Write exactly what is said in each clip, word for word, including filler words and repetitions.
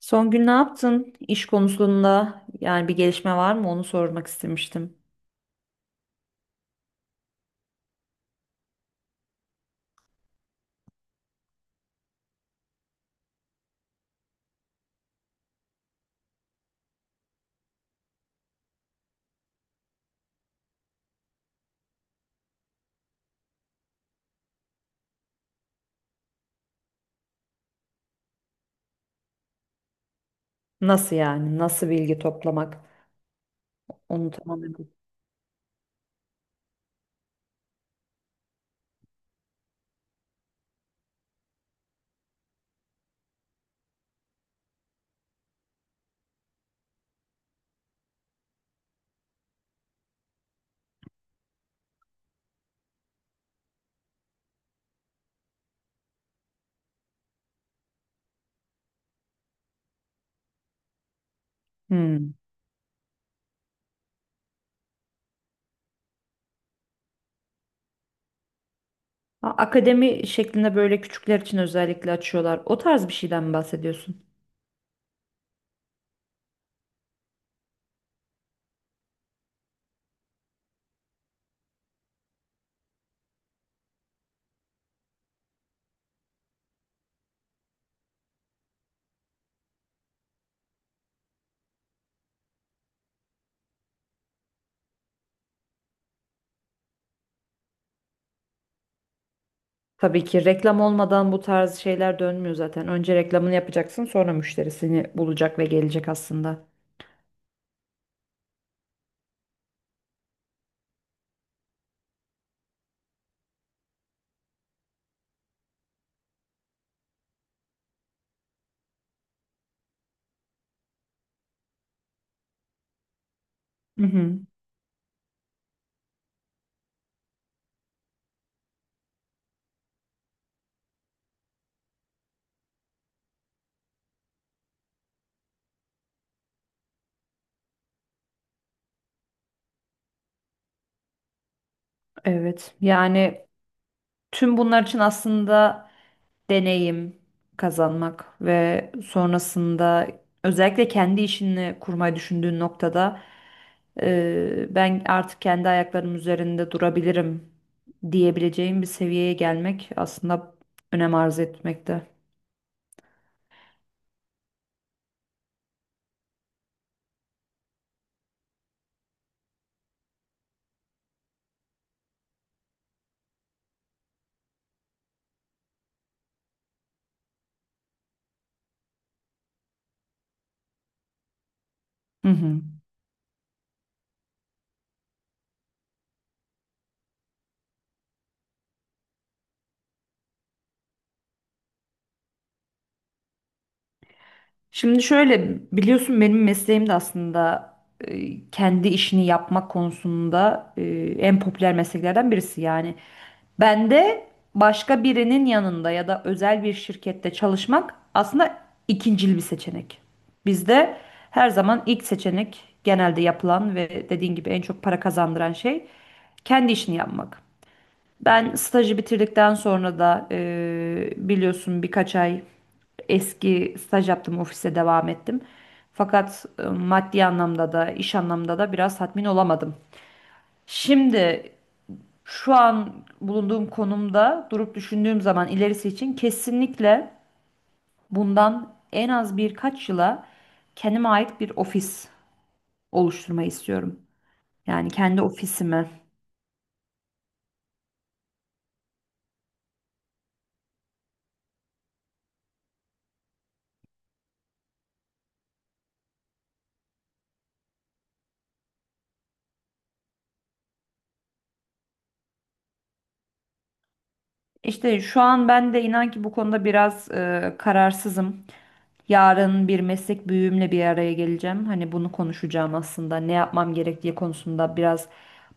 Son gün ne yaptın? İş konusunda yani bir gelişme var mı? Onu sormak istemiştim. Nasıl yani? Nasıl bilgi toplamak? Onu tamamen. Hmm. A- Akademi şeklinde böyle küçükler için özellikle açıyorlar. O tarz bir şeyden mi bahsediyorsun? Tabii ki reklam olmadan bu tarz şeyler dönmüyor zaten. Önce reklamını yapacaksın, sonra müşterisini bulacak ve gelecek aslında. Hı hı, evet. Yani tüm bunlar için aslında deneyim kazanmak ve sonrasında özellikle kendi işini kurmayı düşündüğün noktada e, ben artık kendi ayaklarım üzerinde durabilirim diyebileceğim bir seviyeye gelmek aslında önem arz etmekte. Hı hı. Şimdi şöyle biliyorsun benim mesleğim de aslında e, kendi işini yapmak konusunda e, en popüler mesleklerden birisi. Yani ben de başka birinin yanında ya da özel bir şirkette çalışmak aslında ikincil bir seçenek. Bizde her zaman ilk seçenek genelde yapılan ve dediğin gibi en çok para kazandıran şey kendi işini yapmak. Ben stajı bitirdikten sonra da e, biliyorsun birkaç ay eski staj yaptım, ofise devam ettim. Fakat e, maddi anlamda da iş anlamda da biraz tatmin olamadım. Şimdi şu an bulunduğum konumda durup düşündüğüm zaman ilerisi için kesinlikle bundan en az birkaç yıla kendime ait bir ofis oluşturmayı istiyorum. Yani kendi ofisimi. İşte şu an ben de inan ki bu konuda biraz e, kararsızım. Yarın bir meslek büyüğümle bir araya geleceğim. Hani bunu konuşacağım aslında. Ne yapmam gerektiği konusunda biraz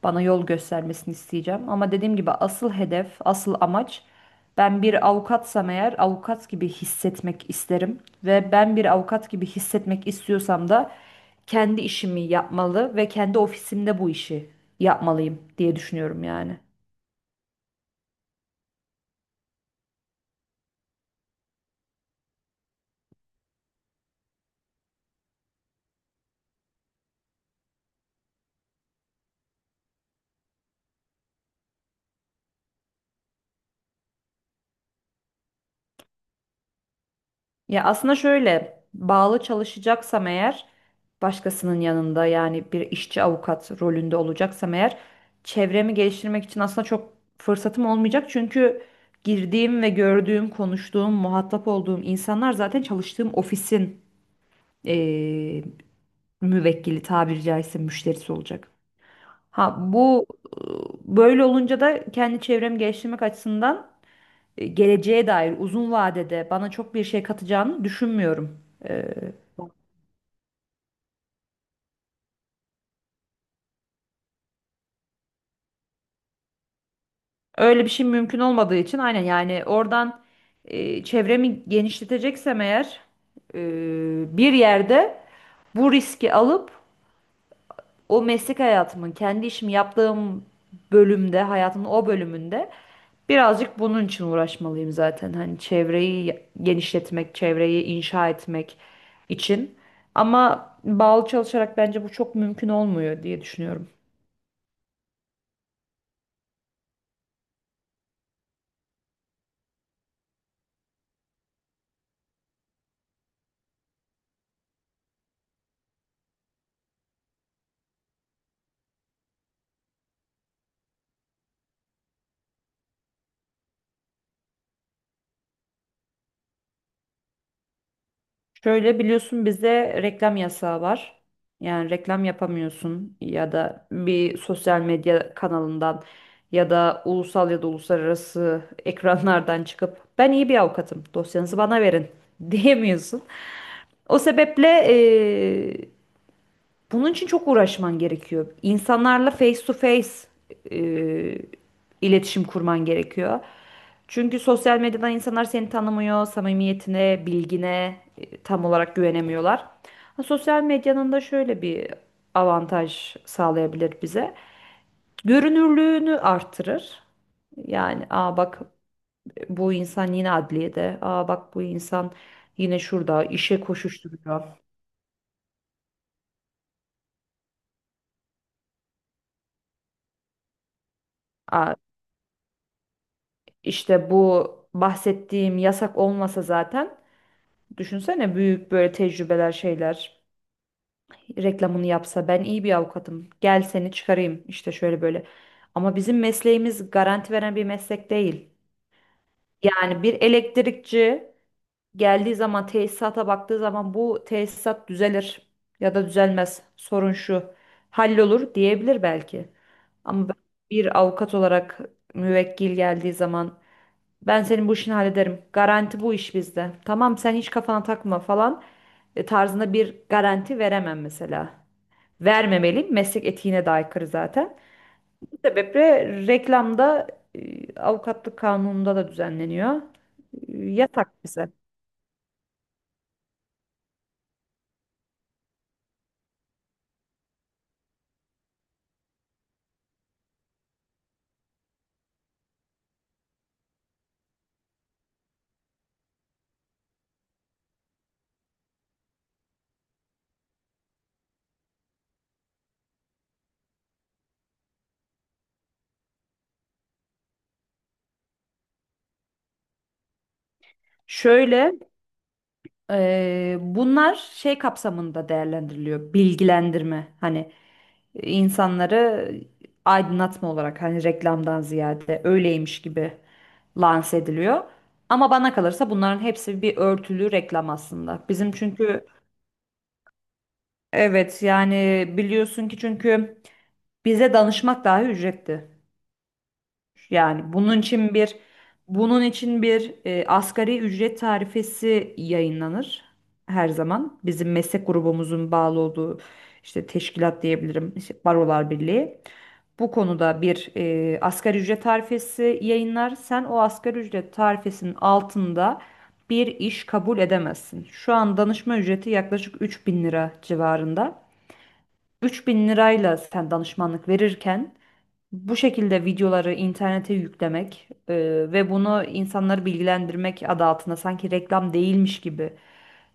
bana yol göstermesini isteyeceğim. Ama dediğim gibi asıl hedef, asıl amaç, ben bir avukatsam eğer avukat gibi hissetmek isterim. Ve ben bir avukat gibi hissetmek istiyorsam da kendi işimi yapmalı ve kendi ofisimde bu işi yapmalıyım diye düşünüyorum yani. Ya aslında şöyle, bağlı çalışacaksam eğer, başkasının yanında yani bir işçi avukat rolünde olacaksam eğer, çevremi geliştirmek için aslında çok fırsatım olmayacak. Çünkü girdiğim ve gördüğüm, konuştuğum, muhatap olduğum insanlar zaten çalıştığım ofisin eee müvekkili, tabiri caizse müşterisi olacak. Ha bu e, böyle olunca da kendi çevremi geliştirmek açısından e, geleceğe dair uzun vadede bana çok bir şey katacağını düşünmüyorum. Ee, öyle bir şey mümkün olmadığı için aynen, yani oradan e, çevremi genişleteceksem eğer e, bir yerde bu riski alıp o meslek hayatımın, kendi işimi yaptığım bölümde, hayatımın o bölümünde birazcık bunun için uğraşmalıyım zaten. Hani çevreyi genişletmek, çevreyi inşa etmek için. Ama bağlı çalışarak bence bu çok mümkün olmuyor diye düşünüyorum. Şöyle, biliyorsun bizde reklam yasağı var. Yani reklam yapamıyorsun ya da bir sosyal medya kanalından ya da ulusal ya da uluslararası ekranlardan çıkıp "ben iyi bir avukatım, dosyanızı bana verin" diyemiyorsun. O sebeple bunun için çok uğraşman gerekiyor. İnsanlarla face to face e, iletişim kurman gerekiyor. Çünkü sosyal medyadan insanlar seni tanımıyor, samimiyetine, bilgine e, tam olarak güvenemiyorlar. Ha, sosyal medyanın da şöyle bir avantaj sağlayabilir bize. Görünürlüğünü artırır. Yani "aa bak bu insan yine adliyede, aa bak bu insan yine şurada işe koşuşturuyor." İşte bu bahsettiğim yasak olmasa zaten, düşünsene büyük böyle tecrübeler şeyler reklamını yapsa, "ben iyi bir avukatım, gel seni çıkarayım işte şöyle böyle." Ama bizim mesleğimiz garanti veren bir meslek değil. Yani bir elektrikçi geldiği zaman, tesisata baktığı zaman, bu tesisat düzelir ya da düzelmez, sorun şu, hallolur diyebilir belki. Ama ben bir avukat olarak müvekkil geldiği zaman, Ben senin bu işini hallederim. Garanti bu iş bizde. Tamam sen hiç kafana takma" falan e, tarzında bir garanti veremem mesela. Vermemeliyim. Meslek etiğine de aykırı zaten. Bu sebeple reklamda e, avukatlık kanununda da düzenleniyor. E, Yasak bize. Şöyle, Ee, bunlar şey kapsamında değerlendiriliyor. Bilgilendirme. Hani insanları aydınlatma olarak, hani reklamdan ziyade öyleymiş gibi lanse ediliyor. Ama bana kalırsa bunların hepsi bir örtülü reklam aslında. Bizim çünkü, evet, yani biliyorsun ki, çünkü bize danışmak dahi ücretli. Yani bunun için bir, bunun için bir e, asgari ücret tarifesi yayınlanır her zaman. Bizim meslek grubumuzun bağlı olduğu işte teşkilat diyebilirim, işte Barolar Birliği. Bu konuda bir e, asgari ücret tarifesi yayınlar. Sen o asgari ücret tarifesinin altında bir iş kabul edemezsin. Şu an danışma ücreti yaklaşık üç bin lira civarında. üç bin lirayla sen danışmanlık verirken bu şekilde videoları internete yüklemek e, ve bunu insanları bilgilendirmek adı altında sanki reklam değilmiş gibi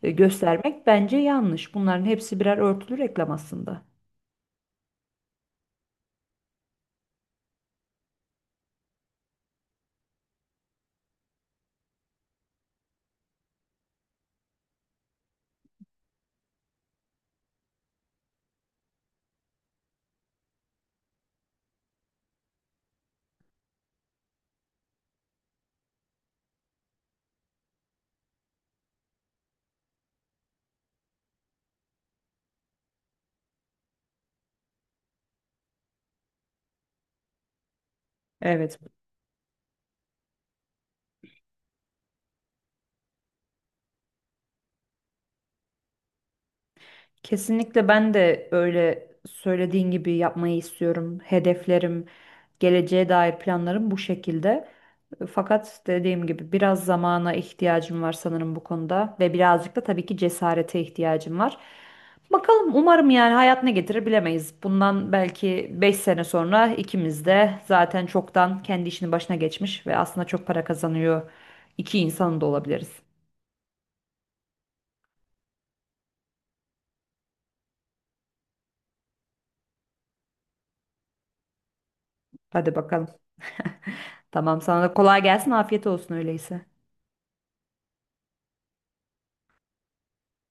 e, göstermek bence yanlış. Bunların hepsi birer örtülü reklam aslında. Evet. Kesinlikle ben de öyle söylediğin gibi yapmayı istiyorum. Hedeflerim, geleceğe dair planlarım bu şekilde. Fakat dediğim gibi biraz zamana ihtiyacım var sanırım bu konuda, ve birazcık da tabii ki cesarete ihtiyacım var. Bakalım, umarım, yani hayat ne getirir bilemeyiz. Bundan belki beş sene sonra ikimiz de zaten çoktan kendi işinin başına geçmiş ve aslında çok para kazanıyor iki insanın da olabiliriz. Hadi bakalım. Tamam sana da kolay gelsin, afiyet olsun öyleyse.